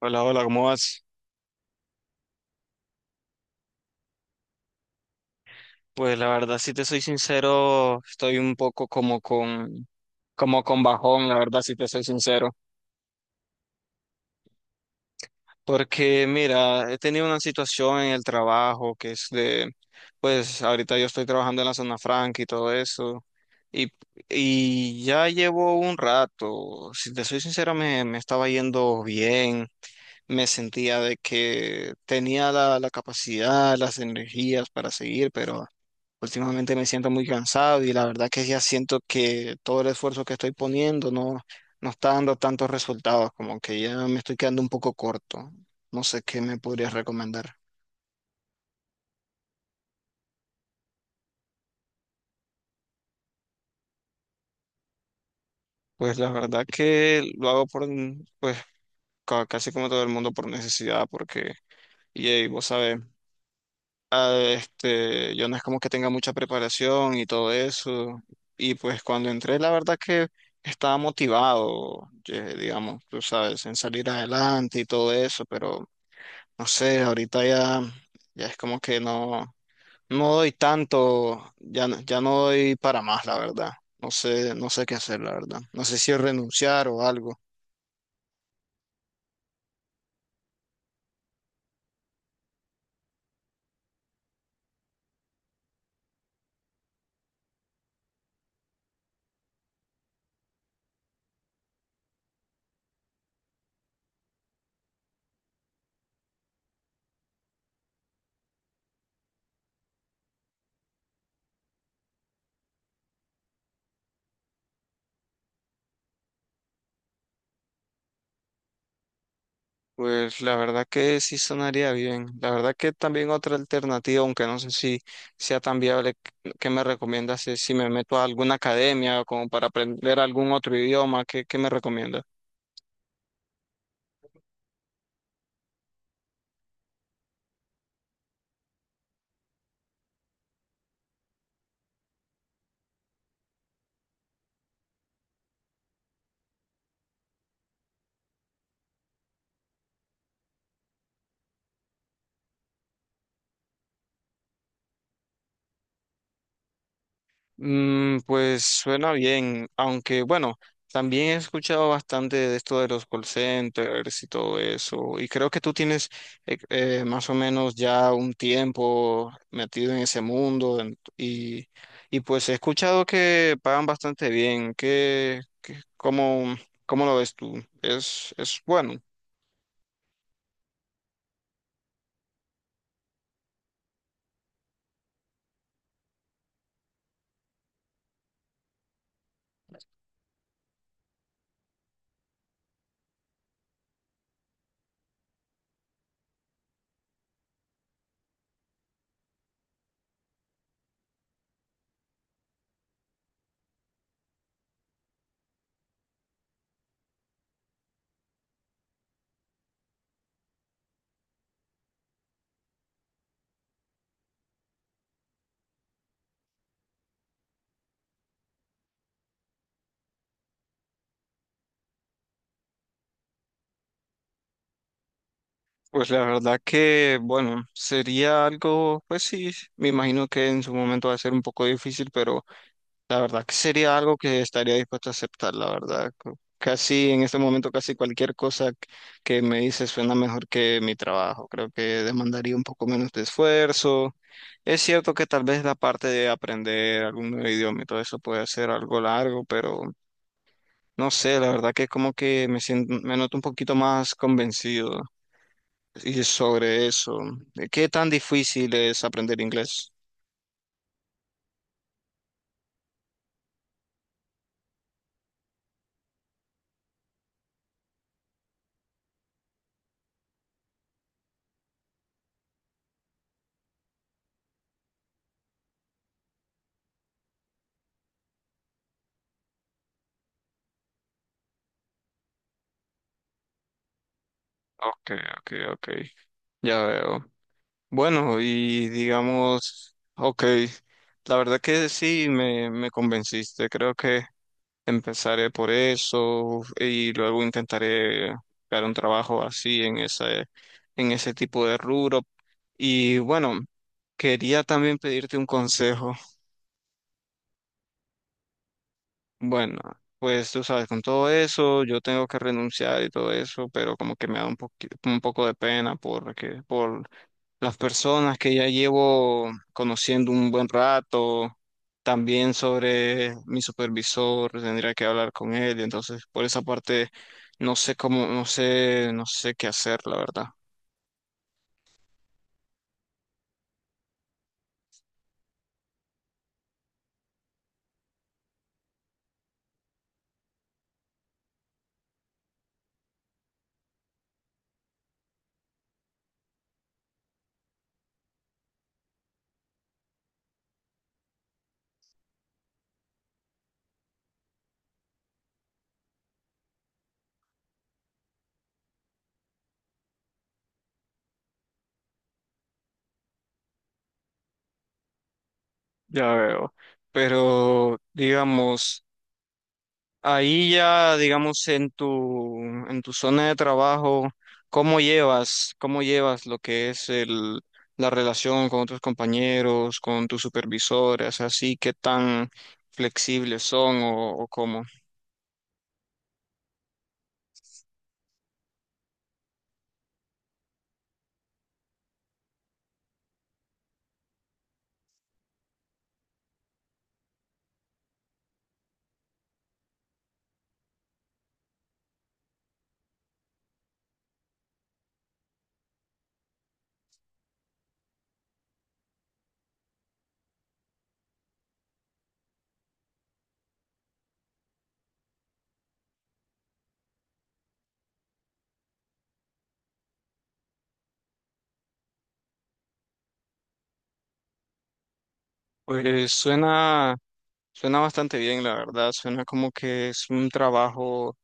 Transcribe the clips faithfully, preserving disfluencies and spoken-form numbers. Hola, hola, ¿cómo vas? Pues la verdad, si te soy sincero, estoy un poco como con, como con bajón, la verdad, si te soy sincero. Porque mira, he tenido una situación en el trabajo que es de, pues ahorita yo estoy trabajando en la zona franca y todo eso. Y, y ya llevo un rato, si te soy sincero, me, me estaba yendo bien. Me sentía de que tenía la, la capacidad, las energías para seguir, pero últimamente me siento muy cansado y la verdad que ya siento que todo el esfuerzo que estoy poniendo no, no está dando tantos resultados, como que ya me estoy quedando un poco corto. No sé qué me podrías recomendar. Pues la verdad que lo hago por, pues ca- casi como todo el mundo por necesidad, porque, y vos sabes, Ah, este, yo no es como que tenga mucha preparación y todo eso. Y pues cuando entré, la verdad que estaba motivado, eh, digamos, tú sabes, en salir adelante y todo eso, pero no sé, ahorita ya, ya es como que no, no doy tanto, ya, no- ya no doy para más, la verdad. No sé, no sé qué hacer, la verdad. No sé si renunciar o algo. Pues la verdad que sí sonaría bien. La verdad que también otra alternativa, aunque no sé si sea tan viable, ¿qué qué me recomiendas? Si, si me meto a alguna academia o como para aprender algún otro idioma, ¿qué, qué me recomiendas? Mm, pues suena bien, aunque bueno, también he escuchado bastante de esto de los call centers y todo eso, y creo que tú tienes eh, eh, más o menos ya un tiempo metido en ese mundo en- y, y pues he escuchado que pagan bastante bien, que, que cómo, cómo lo ves tú? Es, es bueno? Pues la verdad que, bueno, sería algo, pues sí, me imagino que en su momento va a ser un poco difícil, pero la verdad que sería algo que estaría dispuesto a aceptar, la verdad. Co- Casi en este momento, casi cualquier cosa c- que me dice suena mejor que mi trabajo. Creo que demandaría un poco menos de esfuerzo. Es cierto que tal vez la parte de aprender algún nuevo idioma y todo eso puede ser algo largo, pero no sé, la verdad que como que me siento, me noto un poquito más convencido y sobre eso. ¿Qué tan difícil es aprender inglés? Ok, ok, ok. Ya veo. Bueno, y digamos, ok, la verdad que sí, me, me convenciste. Creo que empezaré por eso y luego intentaré buscar un trabajo así en ese, en ese tipo de rubro. Y bueno, quería también pedirte un consejo. Bueno, pues tú sabes, con todo eso, yo tengo que renunciar y todo eso, pero como que me da un poqui- un poco de pena porque, por las personas que ya llevo conociendo un buen rato, también sobre mi supervisor, tendría que hablar con él, y entonces por esa parte no sé cómo, no sé, no sé qué hacer, la verdad. Ya veo. Pero digamos, ahí ya, digamos, en tu, en tu zona de trabajo, ¿cómo llevas, cómo llevas lo que es el, la relación con tus compañeros, con tus supervisores, así, qué tan flexibles son o, o cómo? Pues suena, suena bastante bien, la verdad, suena como que es un trabajo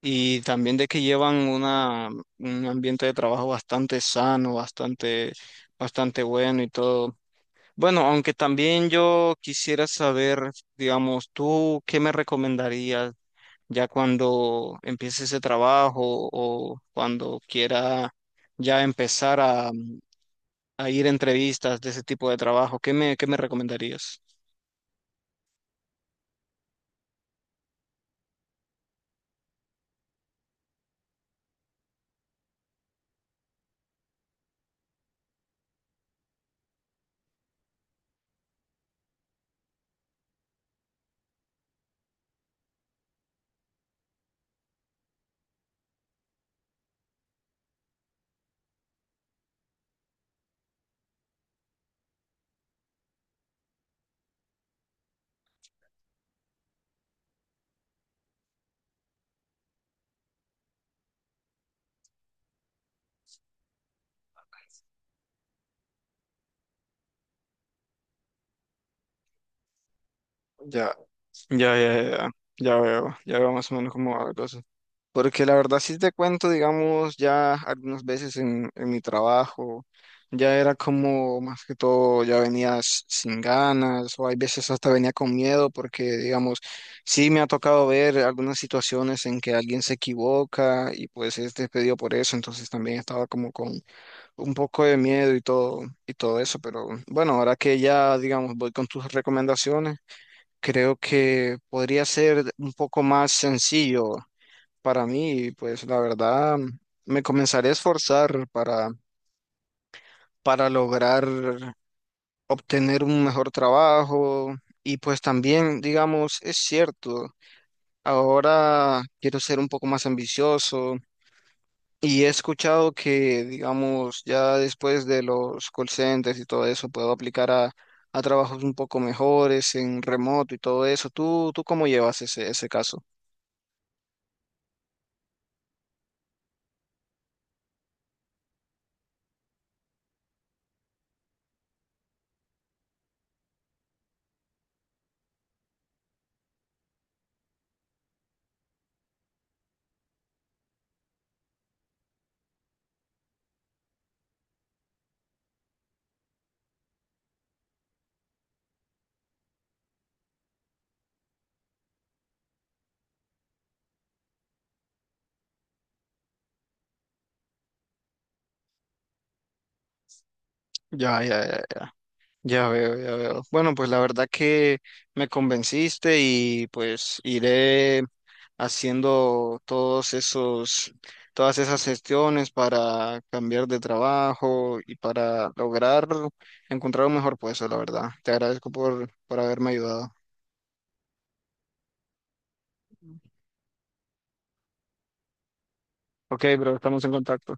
y también de que llevan una, un ambiente de trabajo bastante sano, bastante, bastante bueno y todo. Bueno, aunque también yo quisiera saber, digamos, tú qué me recomendarías ya cuando empiece ese trabajo o cuando quiera ya empezar a, a ir a entrevistas de ese tipo de trabajo, ¿qué me, qué me recomendarías? Ya. Ya, ya, ya, ya veo, ya veo más o menos cómo va la cosa. Porque la verdad sí te cuento, digamos, ya algunas veces en, en mi trabajo, ya era como más que todo, ya venías sin ganas o hay veces hasta venía con miedo porque, digamos, sí me ha tocado ver algunas situaciones en que alguien se equivoca y pues es despedido por eso, entonces también estaba como con un poco de miedo y todo, y todo eso, pero bueno, ahora que ya, digamos, voy con tus recomendaciones. Creo que podría ser un poco más sencillo para mí, y pues la verdad me comenzaré a esforzar para, para lograr obtener un mejor trabajo y pues también, digamos, es cierto, ahora quiero ser un poco más ambicioso y he escuchado que, digamos, ya después de los call centers y todo eso, puedo aplicar a, a trabajos un poco mejores en remoto y todo eso. ¿Tú, tú cómo llevas ese, ese caso? Ya, ya, ya ya veo, ya veo. Bueno, pues la verdad que me convenciste y pues iré haciendo todos esos, todas esas gestiones para cambiar de trabajo y para lograr encontrar un mejor puesto, la verdad. Te agradezco por, por haberme ayudado. Ok, bro, estamos en contacto.